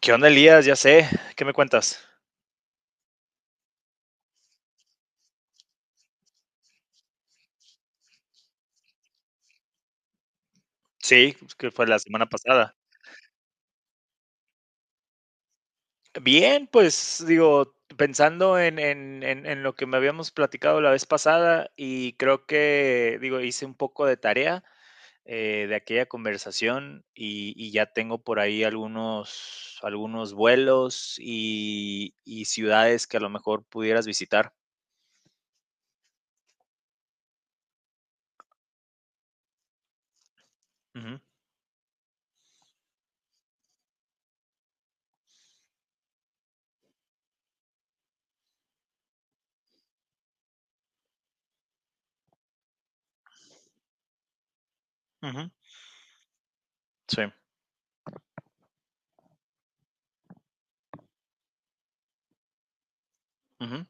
¿Qué onda, Elías? Ya sé. ¿Qué me cuentas? Sí, que fue la semana pasada. Bien, pues digo, pensando en lo que me habíamos platicado la vez pasada y creo que, digo, hice un poco de tarea de aquella conversación y ya tengo por ahí algunos vuelos y ciudades que a lo mejor pudieras visitar. Ujú, ujú, sí. Ujú.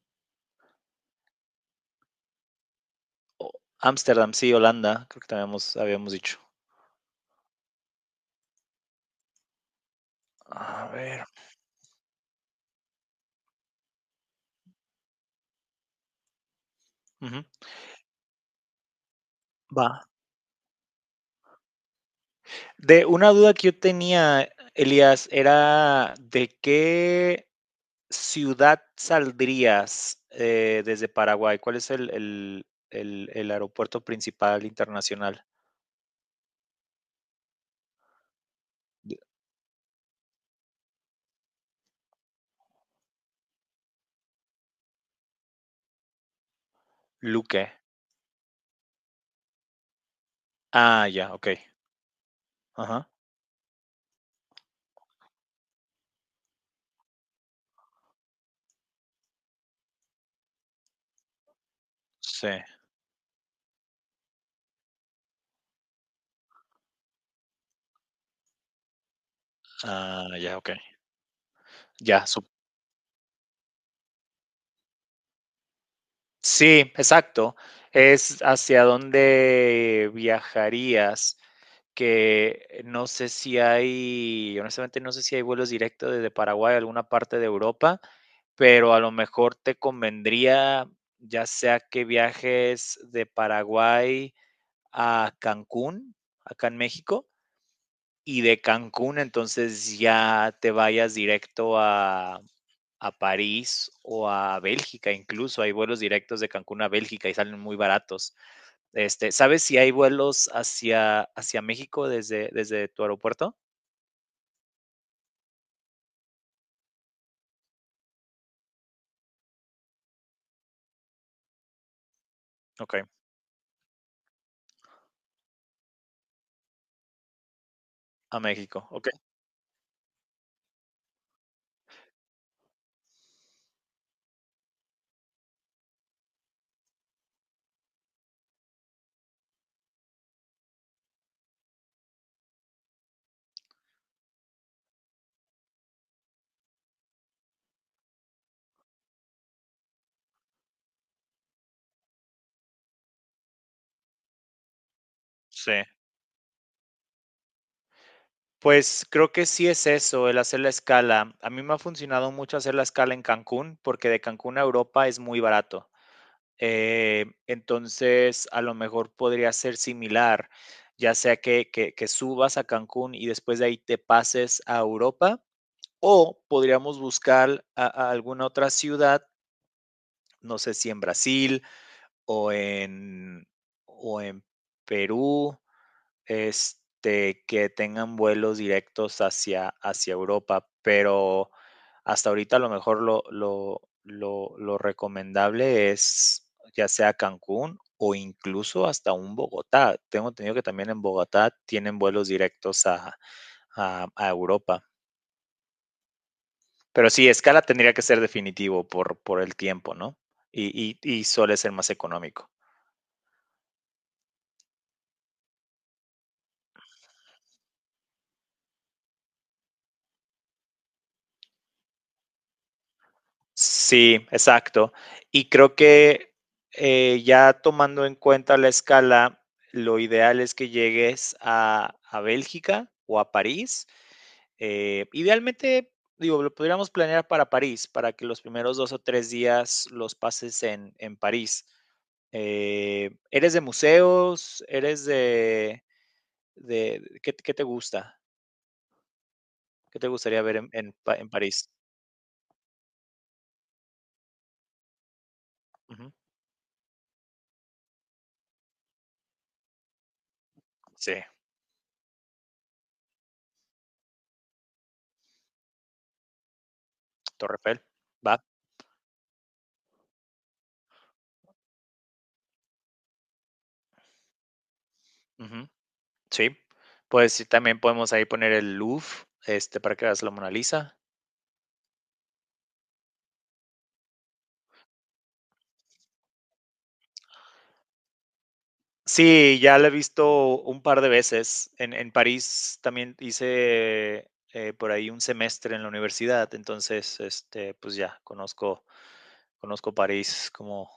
Ámsterdam, sí, Holanda, creo que te habíamos dicho. A ver. Ujú, va. De una duda que yo tenía, Elías, era de qué ciudad saldrías desde Paraguay. ¿Cuál es el aeropuerto principal internacional? De- Luque. Ah, ya, ok. Ajá. Sí. Ah, ya, ok. Ya, sí, exacto. Es hacia dónde viajarías, que no sé si hay, honestamente no sé si hay vuelos directos desde Paraguay a alguna parte de Europa, pero a lo mejor te convendría, ya sea que viajes de Paraguay a Cancún, acá en México, y de Cancún entonces ya te vayas directo a París o a Bélgica, incluso hay vuelos directos de Cancún a Bélgica y salen muy baratos. Este, ¿sabes si hay vuelos hacia México desde tu aeropuerto? Ok, a México, ok. Sí. Pues creo que sí es eso, el hacer la escala. A mí me ha funcionado mucho hacer la escala en Cancún porque de Cancún a Europa es muy barato. Entonces, a lo mejor podría ser similar, ya sea que subas a Cancún y después de ahí te pases a Europa. O podríamos buscar a alguna otra ciudad, no sé si en Brasil o en, o en Perú, este, que tengan vuelos directos hacia Europa, pero hasta ahorita a lo mejor lo recomendable es ya sea Cancún o incluso hasta un Bogotá. Tengo entendido que también en Bogotá tienen vuelos directos a Europa. Pero sí, Scala tendría que ser definitivo por el tiempo, ¿no? Y suele ser más económico. Sí, exacto. Y creo que ya tomando en cuenta la escala, lo ideal es que llegues a Bélgica o a París. Idealmente, digo, lo podríamos planear para París, para que los primeros 2 o 3 días los pases en París. ¿Eres de museos? ¿Eres de ¿Qué te gusta? ¿Qué te gustaría ver en París? Ujú. Sí, Torre Eiffel, va, ujú, sí. Pues sí, también podemos ahí poner el Louvre, este, para que veas la Mona Lisa. Sí, ya la he visto un par de veces. En París también hice, por ahí un semestre en la universidad, entonces, este, pues ya conozco París como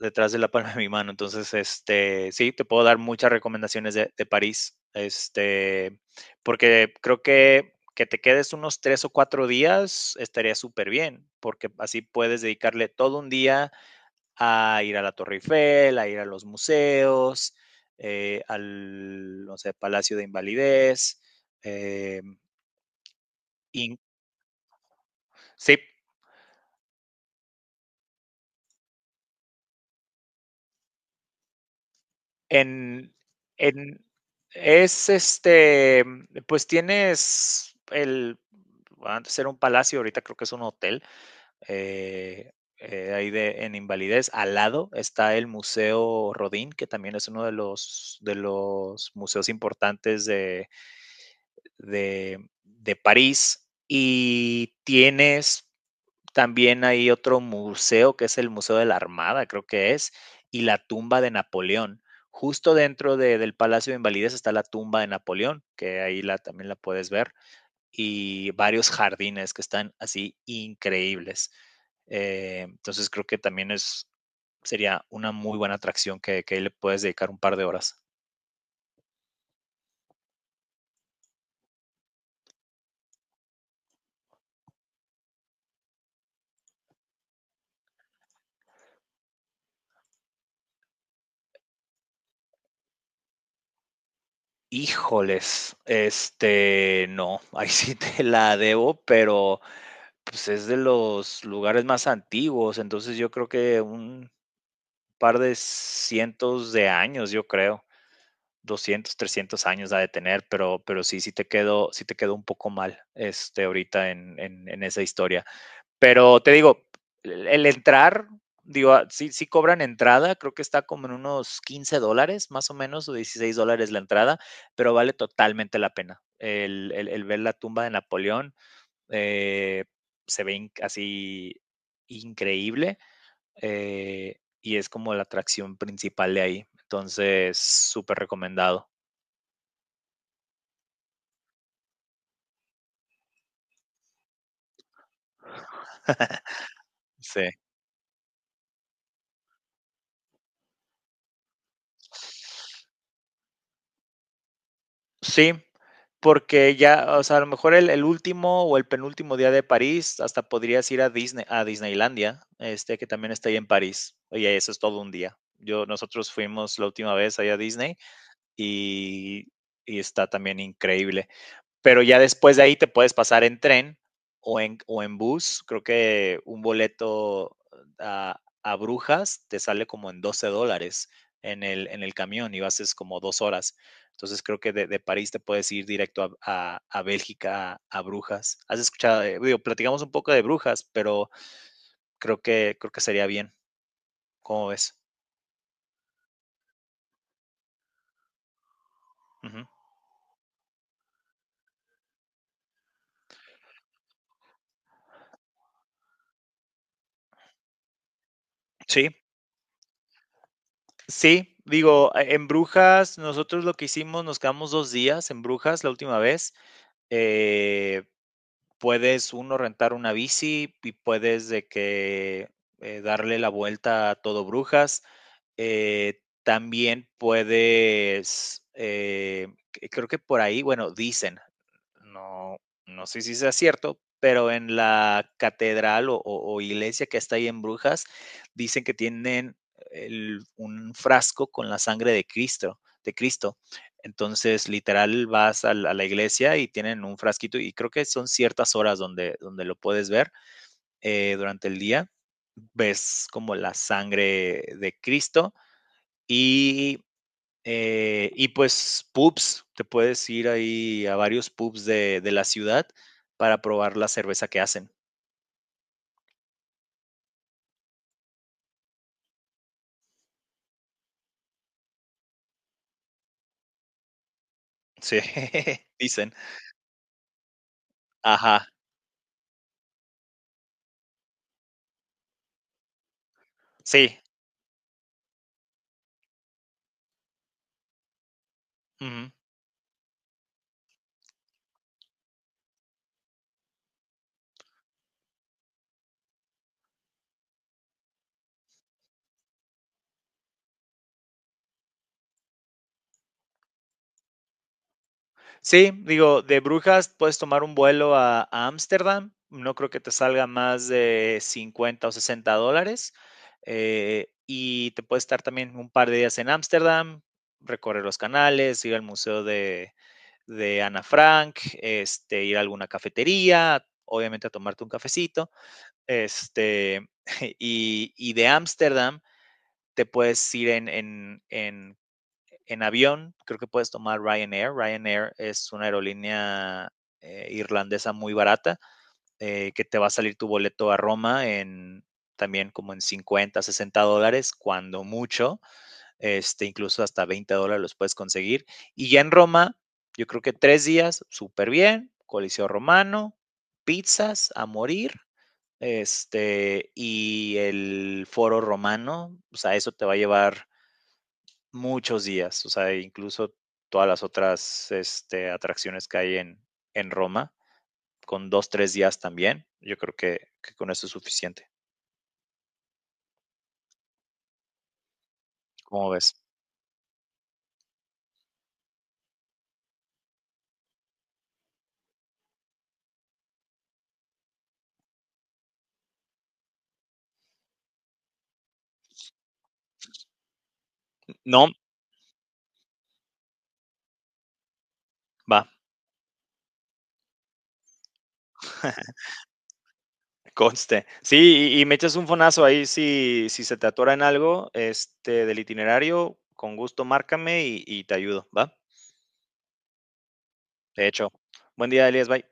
detrás de la palma de mi mano. Entonces, este, sí, te puedo dar muchas recomendaciones de París, este, porque creo que te quedes unos 3 o 4 días estaría súper bien, porque así puedes dedicarle todo un día a ir a la Torre Eiffel, a ir a los museos, al, no sé, Palacio de Invalidez. Eh, y, sí, En, en es este, pues tienes el, bueno, antes era un palacio, ahorita creo que es un hotel, ahí de, en Invalidez. Al lado está el Museo Rodin que también es uno de los museos importantes de, de París. Y tienes también hay otro museo que es el Museo de la Armada, creo que es, y la tumba de Napoleón. Justo dentro del Palacio de Invalidez está la tumba de Napoleón, que ahí también la puedes ver, y varios jardines que están así increíbles. Entonces creo que también sería una muy buena atracción que ahí le puedes dedicar un par de horas. Híjoles, este, no, ahí sí te la debo, pero pues, es de los lugares más antiguos, entonces yo creo que un par de cientos de años, yo creo, 200, 300 años ha de tener, pero sí, sí te quedó un poco mal, este, ahorita en esa historia. Pero te digo, el entrar, digo, ah, sí sí cobran entrada, creo que está como en unos $15, más o menos, o $16 la entrada, pero vale totalmente la pena. El ver la tumba de Napoleón, eh, se ve así increíble, eh, y es como la atracción principal de ahí. Entonces, súper recomendado. Sí. Sí, porque ya, o sea, a lo mejor el último o el penúltimo día de París, hasta podrías ir a Disney, a Disneylandia, este que también está ahí en París. Oye, eso es todo un día. Nosotros fuimos la última vez allá a Disney y, y está también increíble. Pero ya después de ahí te puedes pasar en tren o en bus. Creo que un boleto a Brujas te sale como en $12 en el camión y haces como 2 horas. Entonces creo que de París te puedes ir directo a Bélgica, a Brujas. Has escuchado, digo, platicamos un poco de Brujas, pero creo que sería bien. ¿Cómo ves? Uh -huh. Sí, sí, digo, en Brujas, nosotros lo que hicimos, nos quedamos 2 días en Brujas la última vez, eh, puedes uno rentar una bici y puedes de que darle la vuelta a todo Brujas. También puedes, creo que por ahí, bueno, dicen no, no sé si sea cierto, pero en la catedral o iglesia que está ahí en Brujas, dicen que tienen un frasco con la sangre de Cristo, de Cristo. Entonces, literal, vas a la iglesia y tienen un frasquito y creo que son ciertas horas donde lo puedes ver durante el día. Ves como la sangre de Cristo y y pues pubs, te puedes ir ahí a varios pubs de la ciudad para probar la cerveza que hacen. Sí, dicen. Ajá, sí. Ujú. Sí, digo, de Brujas puedes tomar un vuelo a Ámsterdam, no creo que te salga más de 50 o $60, y te puedes estar también un par de días en Ámsterdam, recorrer los canales, ir al museo de Ana Frank, este, ir a alguna cafetería, obviamente a tomarte un cafecito, este, y de Ámsterdam te puedes ir en avión, creo que puedes tomar Ryanair. Ryanair es una aerolínea irlandesa muy barata, que te va a salir tu boleto a Roma en también como en 50, $60, cuando mucho, este, incluso hasta $20 los puedes conseguir. Y ya en Roma, yo creo que 3 días, súper bien, Coliseo Romano, pizzas a morir, este, y el foro romano, o sea, eso te va a llevar muchos días, o sea, incluso todas las otras, este, atracciones que hay en Roma, con 2 3 días también. Yo creo que con eso es suficiente. ¿Cómo ves? No, va, conste. Sí, y me echas un fonazo ahí si se te atora en algo, este, del itinerario, con gusto márcame y te ayudo, ¿va? De hecho, buen día, Elías, bye.